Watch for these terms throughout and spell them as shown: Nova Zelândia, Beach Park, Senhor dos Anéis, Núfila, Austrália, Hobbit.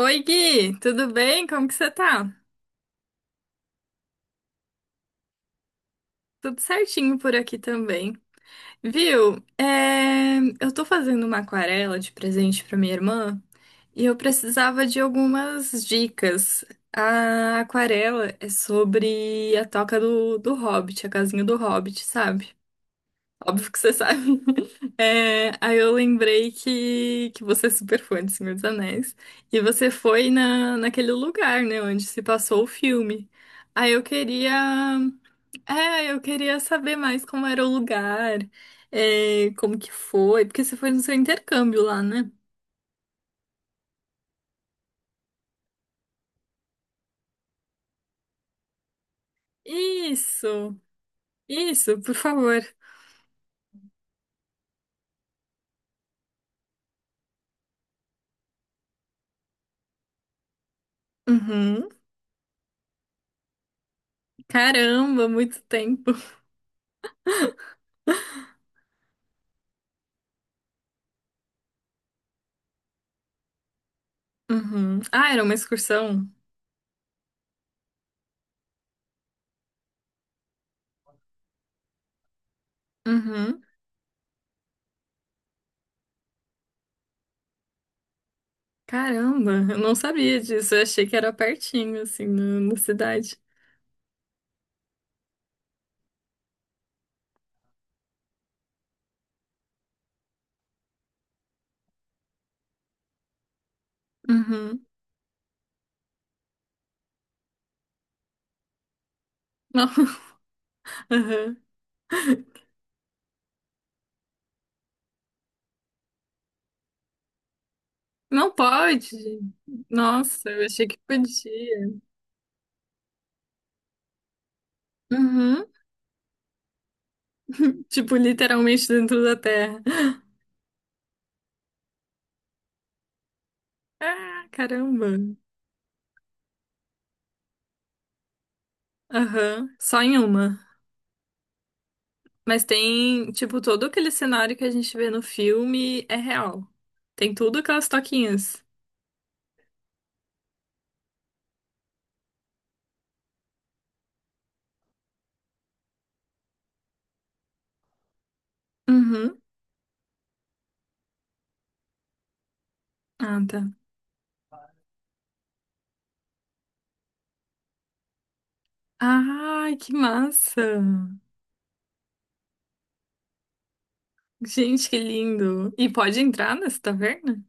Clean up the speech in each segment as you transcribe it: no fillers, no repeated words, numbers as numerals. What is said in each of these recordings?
Oi, Gui, tudo bem? Como que você tá? Tudo certinho por aqui também. Viu? Eu tô fazendo uma aquarela de presente pra minha irmã e eu precisava de algumas dicas. A aquarela é sobre a toca do Hobbit, a casinha do Hobbit, sabe? Óbvio que você sabe. É, aí eu lembrei que você é super fã de Senhor dos Anéis. E você foi naquele lugar, né, onde se passou o filme. Aí eu queria. É, eu queria saber mais como era o lugar, é, como que foi, porque você foi no seu intercâmbio lá, né? Isso, isso, por favor. Uhum. Caramba, muito tempo. Uhum. Ah, era uma excursão? Uhum. Caramba, eu não sabia disso. Eu achei que era pertinho, assim, na cidade. Uhum. Não, aham. Não pode. Nossa, eu achei que podia. Uhum. Tipo, literalmente dentro da terra. Ah, caramba. Aham. Só em uma. Mas tem, tipo, todo aquele cenário que a gente vê no filme é real. Tem tudo aquelas toquinhas. Uhum. Ah, tá. Ai, que massa. Gente, que lindo! E pode entrar nessa taverna?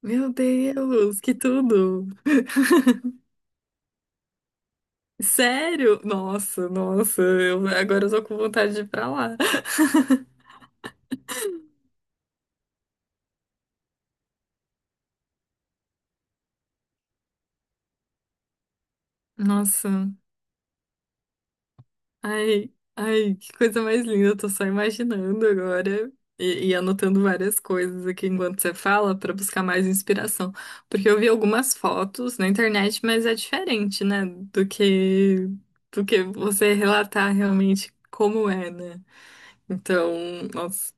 Meu Deus, que tudo! Sério? Nossa, nossa, eu, agora eu tô com vontade de ir pra lá. Nossa, ai, ai, que coisa mais linda, eu tô só imaginando agora e anotando várias coisas aqui enquanto você fala pra buscar mais inspiração. Porque eu vi algumas fotos na internet, mas é diferente, né, do que você relatar realmente como é, né? Então, nossa.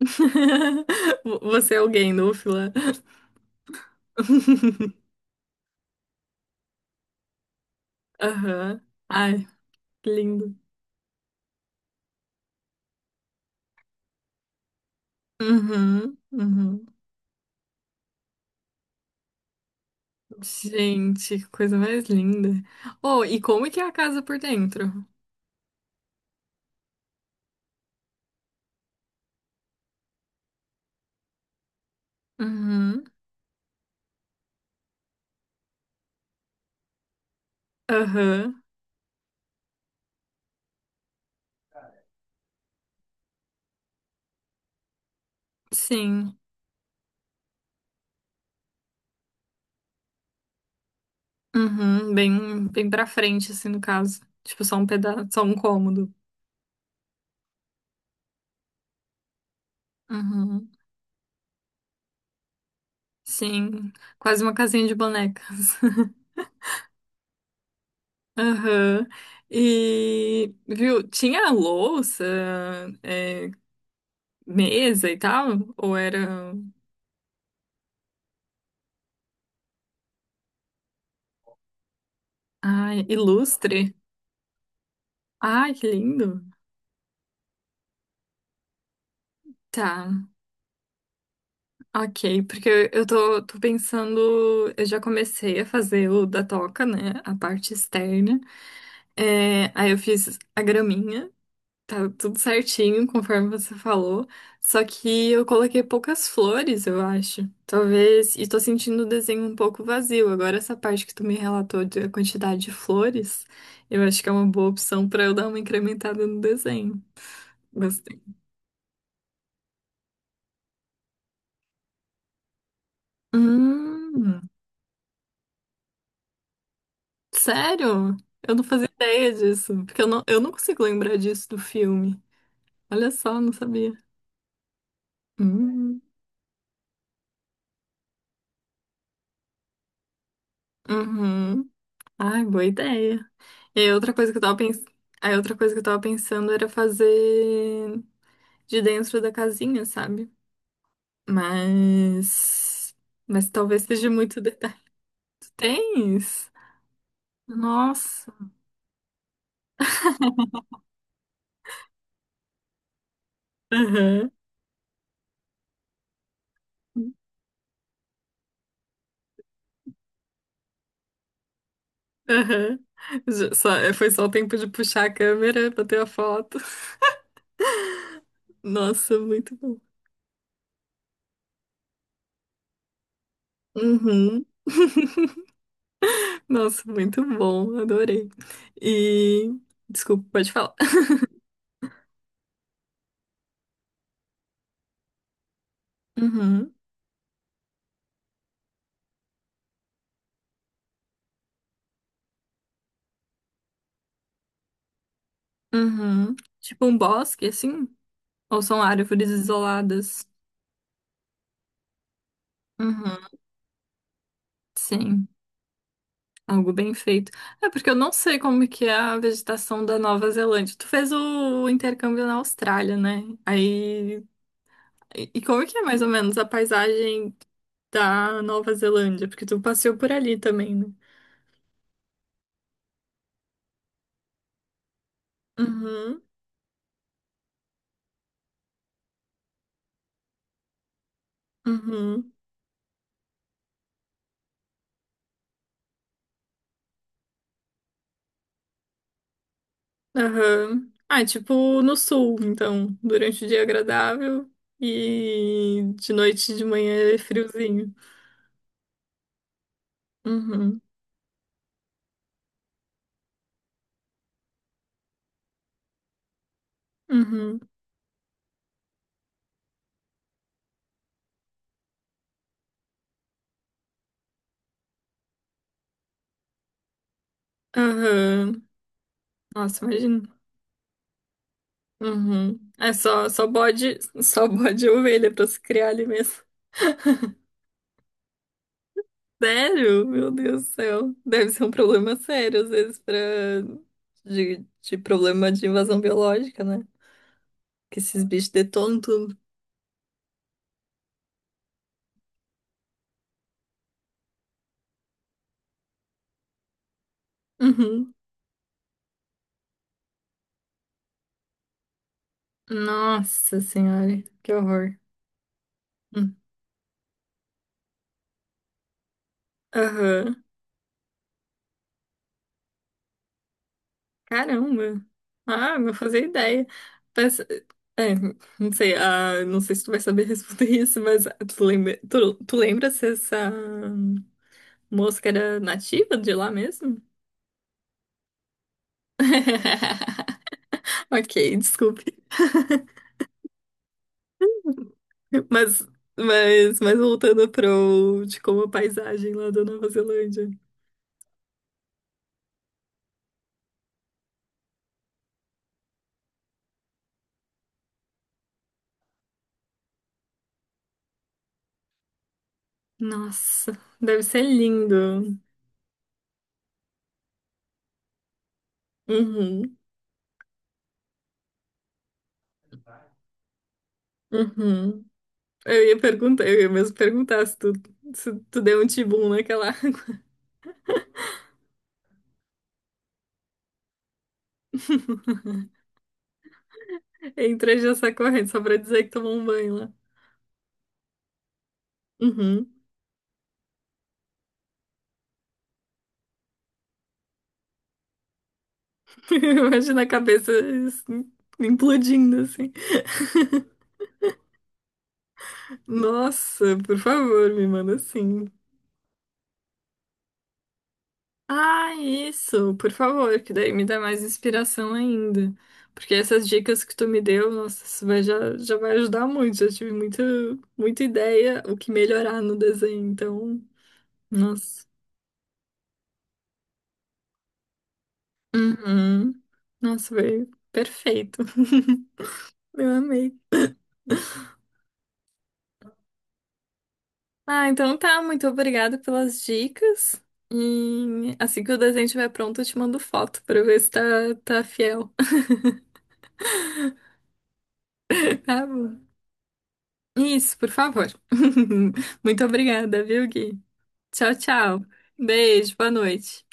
Você é alguém, Núfila. Aham. Ai, que lindo. Uhum, uhum. Gente, que coisa mais linda. Oh, e como é que é a casa por dentro? Uhum, aham, sim. Uhum, bem, bem pra frente, assim, no caso. Tipo, só um pedaço, só um cômodo. Uhum, sim. Quase uma casinha de bonecas. Aham. E, viu, tinha louça, é, mesa e tal? Ou era. Ai, ilustre? Ai, que lindo! Tá, ok, porque eu tô pensando. Eu já comecei a fazer o da toca, né? A parte externa. É, aí eu fiz a graminha. Tá tudo certinho, conforme você falou. Só que eu coloquei poucas flores, eu acho. Talvez. E tô sentindo o desenho um pouco vazio. Agora, essa parte que tu me relatou da quantidade de flores, eu acho que é uma boa opção pra eu dar uma incrementada no desenho. Gostei. Hum, sério? Eu não fazia ideia disso. Porque eu não consigo lembrar disso do filme. Olha só, não sabia. Hum, uhum. Ai, boa ideia. E aí, outra coisa que eu tava pens... aí outra coisa que eu tava pensando era fazer de dentro da casinha, sabe? Mas. Mas talvez seja muito detalhe. Tu tens? Nossa. Aham. Aham. Foi só o tempo de puxar a câmera pra ter a foto. Nossa, muito bom. Uhum. Nossa, muito bom. Adorei. E. Desculpa, pode falar. Uhum. Uhum. Tipo um bosque, assim? Ou são árvores isoladas. Uhum, sim, algo bem feito. É porque eu não sei como que é a vegetação da Nova Zelândia. Tu fez o intercâmbio na Austrália, né? Aí, e como que é mais ou menos a paisagem da Nova Zelândia? Porque tu passeou por ali também, né? Uhum, uhum, aham. Ah, é tipo no sul, então, durante o dia é agradável e de noite e de manhã é friozinho. Uhum, uhum, aham. Nossa, imagina. Uhum. É só bode e ovelha pra se criar ali mesmo. Sério? Meu Deus do céu. Deve ser um problema sério, às vezes, pra... de problema de invasão biológica, né? Que esses bichos detonam tudo. Uhum. Nossa senhora, que horror. Hum. Aham. Caramba. Ah, não fazia ideia. Mas, é, não sei, ah, não sei se tu vai saber responder isso, mas tu lembra, tu lembra se essa. Mosca era nativa de lá mesmo? Ok, desculpe. Mas, mas voltando pro, de como a paisagem lá da Nova Zelândia. Nossa, deve ser lindo. Uhum, uhum. Eu ia perguntar, eu ia mesmo perguntar se se tu deu um tibum naquela. entre já essa corrente, só pra dizer que tomou um banho lá. Uhum. Imagina a cabeça assim, implodindo assim. Nossa, por favor, me manda assim. Ah, isso, por favor, que daí me dá mais inspiração ainda. Porque essas dicas que tu me deu, nossa, isso vai, já, já vai ajudar muito. Já tive muito muita ideia o que melhorar no desenho, então, nossa. Uhum. Nossa, veio perfeito. Eu amei. Ah, então tá, muito obrigada pelas dicas. E assim que o desenho estiver pronto, eu te mando foto pra ver se tá fiel. Tá bom. Isso, por favor. Muito obrigada, viu, Gui? Tchau, tchau. Beijo, boa noite.